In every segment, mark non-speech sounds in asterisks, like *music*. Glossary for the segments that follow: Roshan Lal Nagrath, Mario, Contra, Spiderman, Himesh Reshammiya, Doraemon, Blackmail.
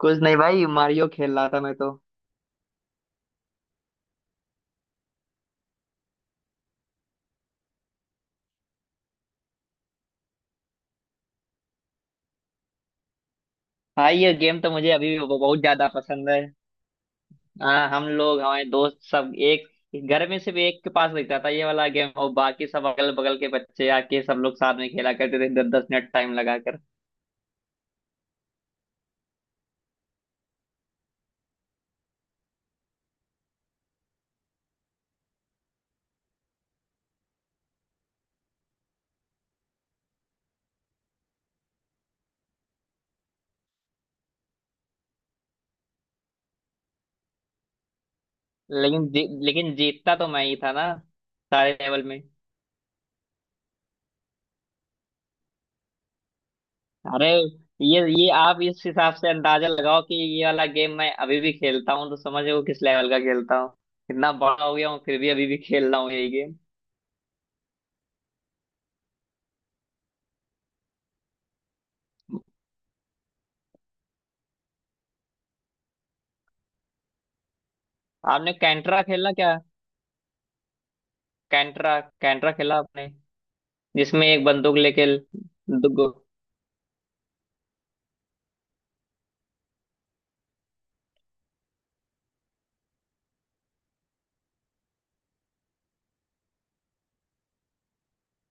कुछ नहीं भाई, मारियो खेल रहा था मैं तो। हाँ, ये गेम तो मुझे अभी भी बहुत ज्यादा पसंद है। हाँ, हम लोग, हमारे दोस्त सब, एक घर में सिर्फ एक के पास रहता था ये वाला गेम, और बाकी सब अगल बगल के बच्चे आके सब लोग साथ में खेला करते थे, 10 10 मिनट टाइम लगाकर। लेकिन जीतता तो मैं ही था ना, सारे लेवल में। अरे, ये आप इस हिसाब से अंदाजा लगाओ कि ये वाला गेम मैं अभी भी खेलता हूँ, तो समझो किस लेवल का खेलता हूँ। इतना बड़ा हो गया हूँ, फिर भी अभी भी खेल रहा हूँ यही गेम। आपने कैंट्रा खेला क्या? कैंट्रा कैंट्रा खेला आपने? जिसमें एक बंदूक लेके दु-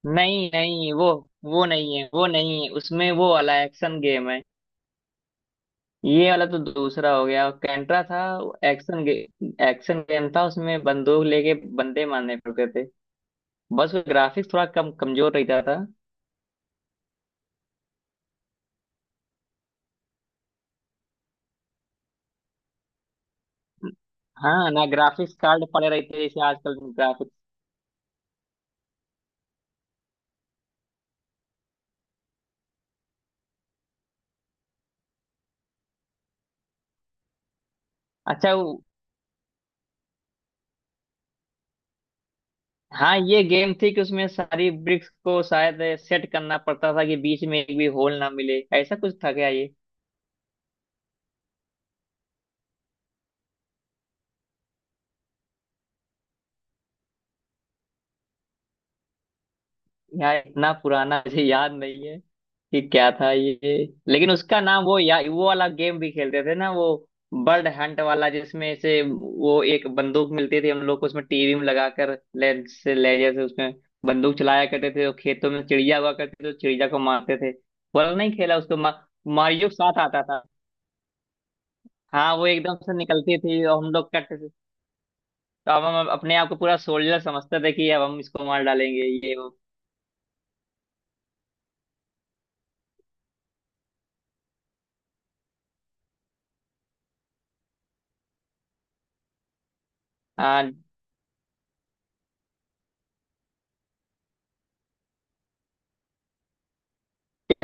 नहीं नहीं, वो नहीं है, वो नहीं है, उसमें वो वाला एक्शन गेम है। ये वाला तो दूसरा हो गया, कैंट्रा था। एक्शन गे, एक्शन गेम था, उसमें बंदूक लेके बंदे मारने पड़ते थे। बस ग्राफिक्स थोड़ा कम, कमजोर रहता था। हाँ ना, ग्राफिक्स कार्ड पड़े रहते हैं जैसे आजकल, ग्राफिक्स। अच्छा वो, हाँ, ये गेम थी कि उसमें सारी ब्रिक्स को शायद सेट करना पड़ता था कि बीच में एक भी होल ना मिले, ऐसा कुछ था क्या ये? यार इतना पुराना मुझे याद नहीं है कि क्या था ये। लेकिन उसका नाम वो, या वो वाला गेम भी खेलते थे ना, वो बर्ड हंट वाला, जिसमें से वो एक बंदूक मिलती थी हम लोग को, उसमें टीवी में लगाकर लेजर से उसमें बंदूक चलाया करते थे, और खेतों में चिड़िया हुआ करते थे, तो चिड़िया को मारते थे। वो वाला नहीं खेला उसको? मारियो के साथ आता था। हाँ, वो एकदम से निकलती थी, और हम लोग कट, तो अब हम अपने आप को पूरा सोल्जर समझते थे कि अब हम इसको मार डालेंगे, ये वो। हाँ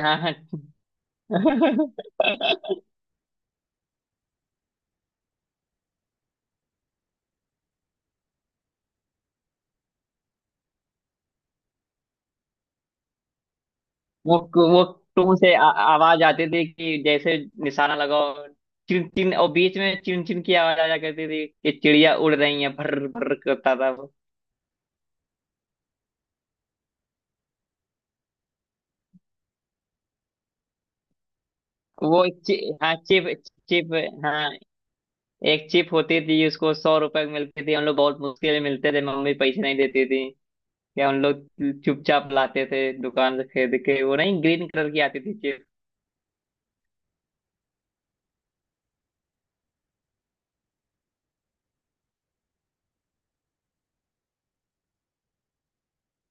हाँ हाँ। *laughs* वो वो आवाज आती थी कि जैसे निशाना लगाओ। चिन चिन, और बीच में चिन चिन की आवाज आया करती थी कि चिड़िया उड़ रही है। भर भर करता था वो। हाँ, चिप। चिप, हाँ, एक चिप होती थी। उसको 100 रुपए की मिलती थी, हम लोग बहुत मुश्किल से, मिलते थे, मम्मी पैसे नहीं देती थी। या उन लोग चुपचाप लाते थे दुकान से खरीद के वो। नहीं, ग्रीन कलर की आती थी चिप।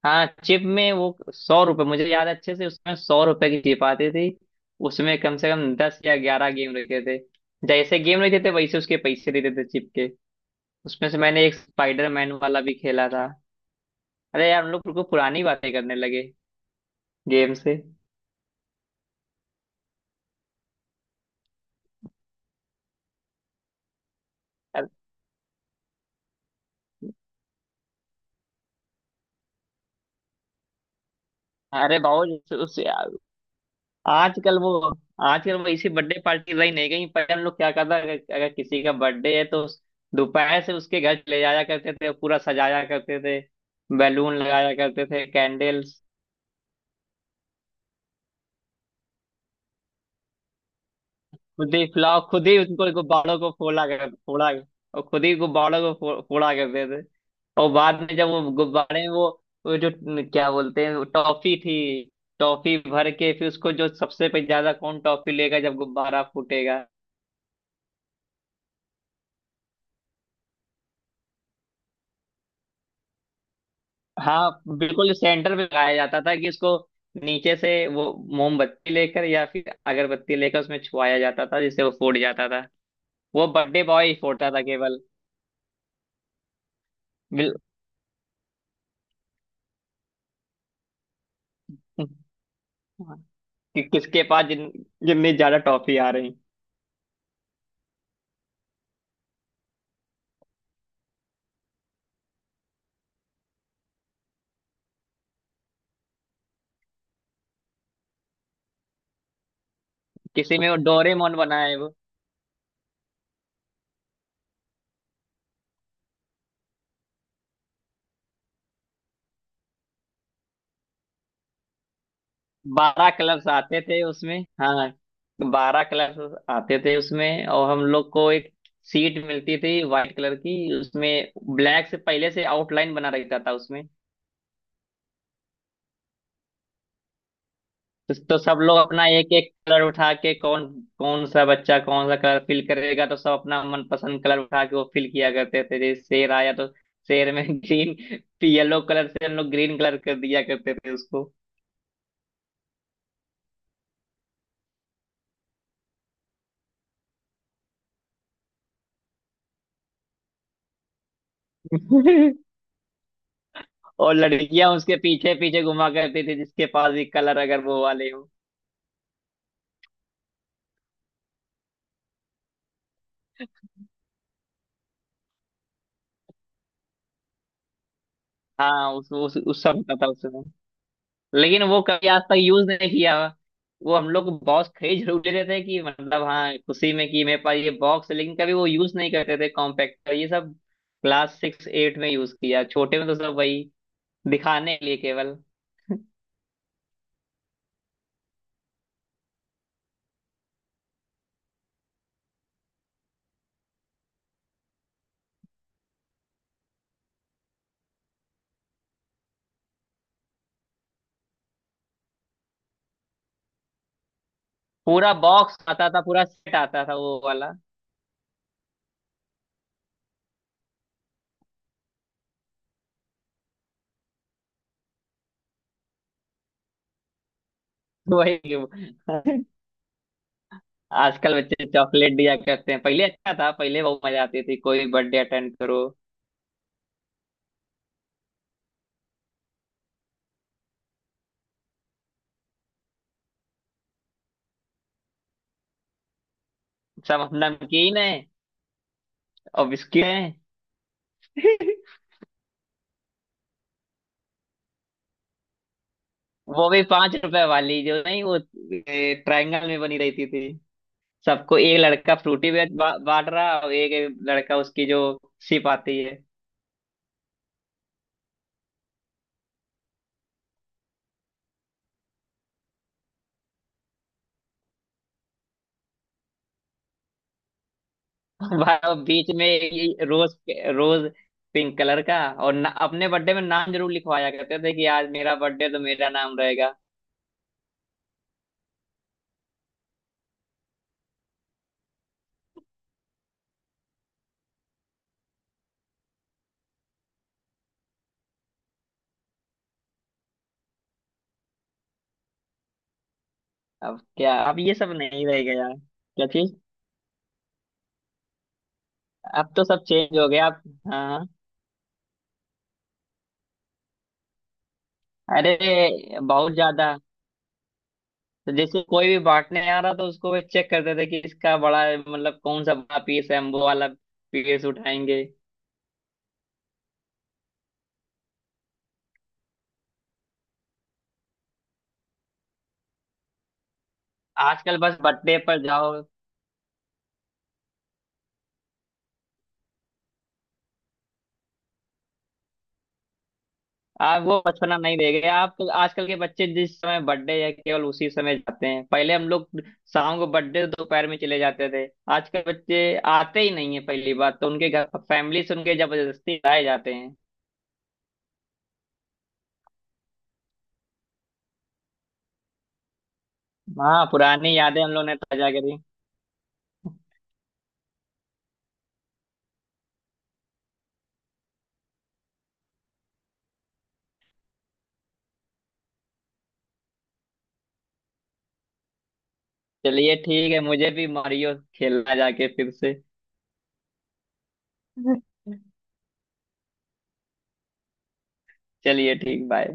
हाँ, चिप में वो 100 रुपए मुझे याद है अच्छे से, उसमें 100 रुपए की चिप आती थी। उसमें कम से कम 10 या 11 गेम रखे थे। जैसे गेम रहते थे वैसे उसके पैसे देते थे चिप के। उसमें से मैंने एक स्पाइडरमैन वाला भी खेला था। अरे यार, हम लोग बिल्कुल पुरानी बातें करने लगे, गेम से। अरे, बहुत उस आजकल वो, आजकल वो इसी बर्थडे पार्टी रही नहीं गई। पहले हम लोग क्या करता, अगर किसी का बर्थडे है तो दोपहर से उसके घर ले जाया करते थे, पूरा सजाया करते थे, बैलून लगाया करते थे, कैंडल्स। खुद ही फुलाओ, खुद ही उनको, गुब्बारों को फोड़ा कर फोड़ा, और खुद ही गुब्बारों को फोड़ा करते थे। और बाद में जब वो गुब्बारे, वो जो क्या बोलते हैं, वो टॉफी थी। टॉफी भर के फिर उसको, जो सबसे पे ज्यादा कौन टॉफी लेगा जब गुब्बारा फूटेगा। हाँ बिल्कुल, सेंटर पे लगाया जाता था कि इसको नीचे से वो मोमबत्ती लेकर या फिर अगरबत्ती लेकर उसमें छुआया जाता था, जिससे वो फूट जाता था। वो बर्थडे बॉय ही फोड़ता था केवल। बिल कि किसके पास जिन जितनी ज्यादा टॉफी आ रही। किसी में वो डोरेमोन बनाए वो। 12 कलर्स आते थे उसमें, हाँ। 12 कलर्स आते थे उसमें, और हम लोग को एक सीट मिलती थी वाइट कलर की, उसमें ब्लैक से पहले से आउटलाइन बना रहता था उसमें। तो सब लोग अपना एक एक कलर उठा के, कौन कौन सा बच्चा कौन सा कलर फिल करेगा, तो सब अपना मनपसंद कलर उठा के वो फिल किया करते थे। जैसे शेर आया तो शेर में *laughs* ग्रीन येलो कलर से हम लोग ग्रीन कलर कर दिया करते थे उसको। *laughs* और लड़कियां उसके पीछे पीछे घुमा करती थी, जिसके पास भी कलर अगर वो वाले हो। हाँ, उस सब पता था उसमें। लेकिन वो कभी आज तक यूज नहीं किया हुआ। वो हम लोग बॉस खरीद जरूर लेते थे, कि मतलब हाँ, खुशी में, कि मेरे पास ये बॉक्स है, लेकिन कभी वो यूज नहीं करते थे, कॉम्पैक्टर ये सब। क्लास 6 8 में यूज किया, छोटे में तो सब वही दिखाने के लिए केवल। पूरा बॉक्स आता था, पूरा सेट आता था वो वाला। *laughs* वही कि- आजकल बच्चे चॉकलेट दिया करते हैं, पहले अच्छा था, पहले बहुत मजा आती थी कोई बर्थडे अटेंड करो। सब नमकीन है, और बिस्किट है। *laughs* वो भी 5 रुपए वाली जो, नहीं वो ट्रायंगल में बनी रहती थी। सबको एक लड़का फ्रूटी बांट रहा, और एक लड़का उसकी जो सिप आती है। *laughs* भाई, वो बीच में ये रोज रोज पिंक कलर का, और अपने बर्थडे में नाम जरूर लिखवाया करते थे कि आज मेरा बर्थडे, तो मेरा नाम रहेगा। अब क्या, अब ये सब नहीं रहेगा यार। क्या चीज, अब तो सब चेंज हो गया अब। हाँ। अरे, बहुत ज्यादा। तो जैसे कोई भी बांटने आ रहा था उसको, वे चेक करते थे कि इसका बड़ा, मतलब कौन सा बड़ा पीस है, हम वो वाला पीस उठाएंगे। आजकल बस बर्थडे पर जाओ। आप वो बचपना नहीं रह गया, आप आजकल के बच्चे जिस समय बर्थडे है केवल उसी समय जाते हैं। पहले हम लोग शाम को बर्थडे, दोपहर में चले जाते थे। आजकल बच्चे आते ही नहीं है पहली बात तो, उनके घर फैमिली से उनके जबरदस्ती लाए जाते हैं। हाँ, पुरानी यादें हम लोग ने ताजा करी। चलिए ठीक है, मुझे भी मारियो खेलना जाके फिर से। *laughs* चलिए ठीक, बाय।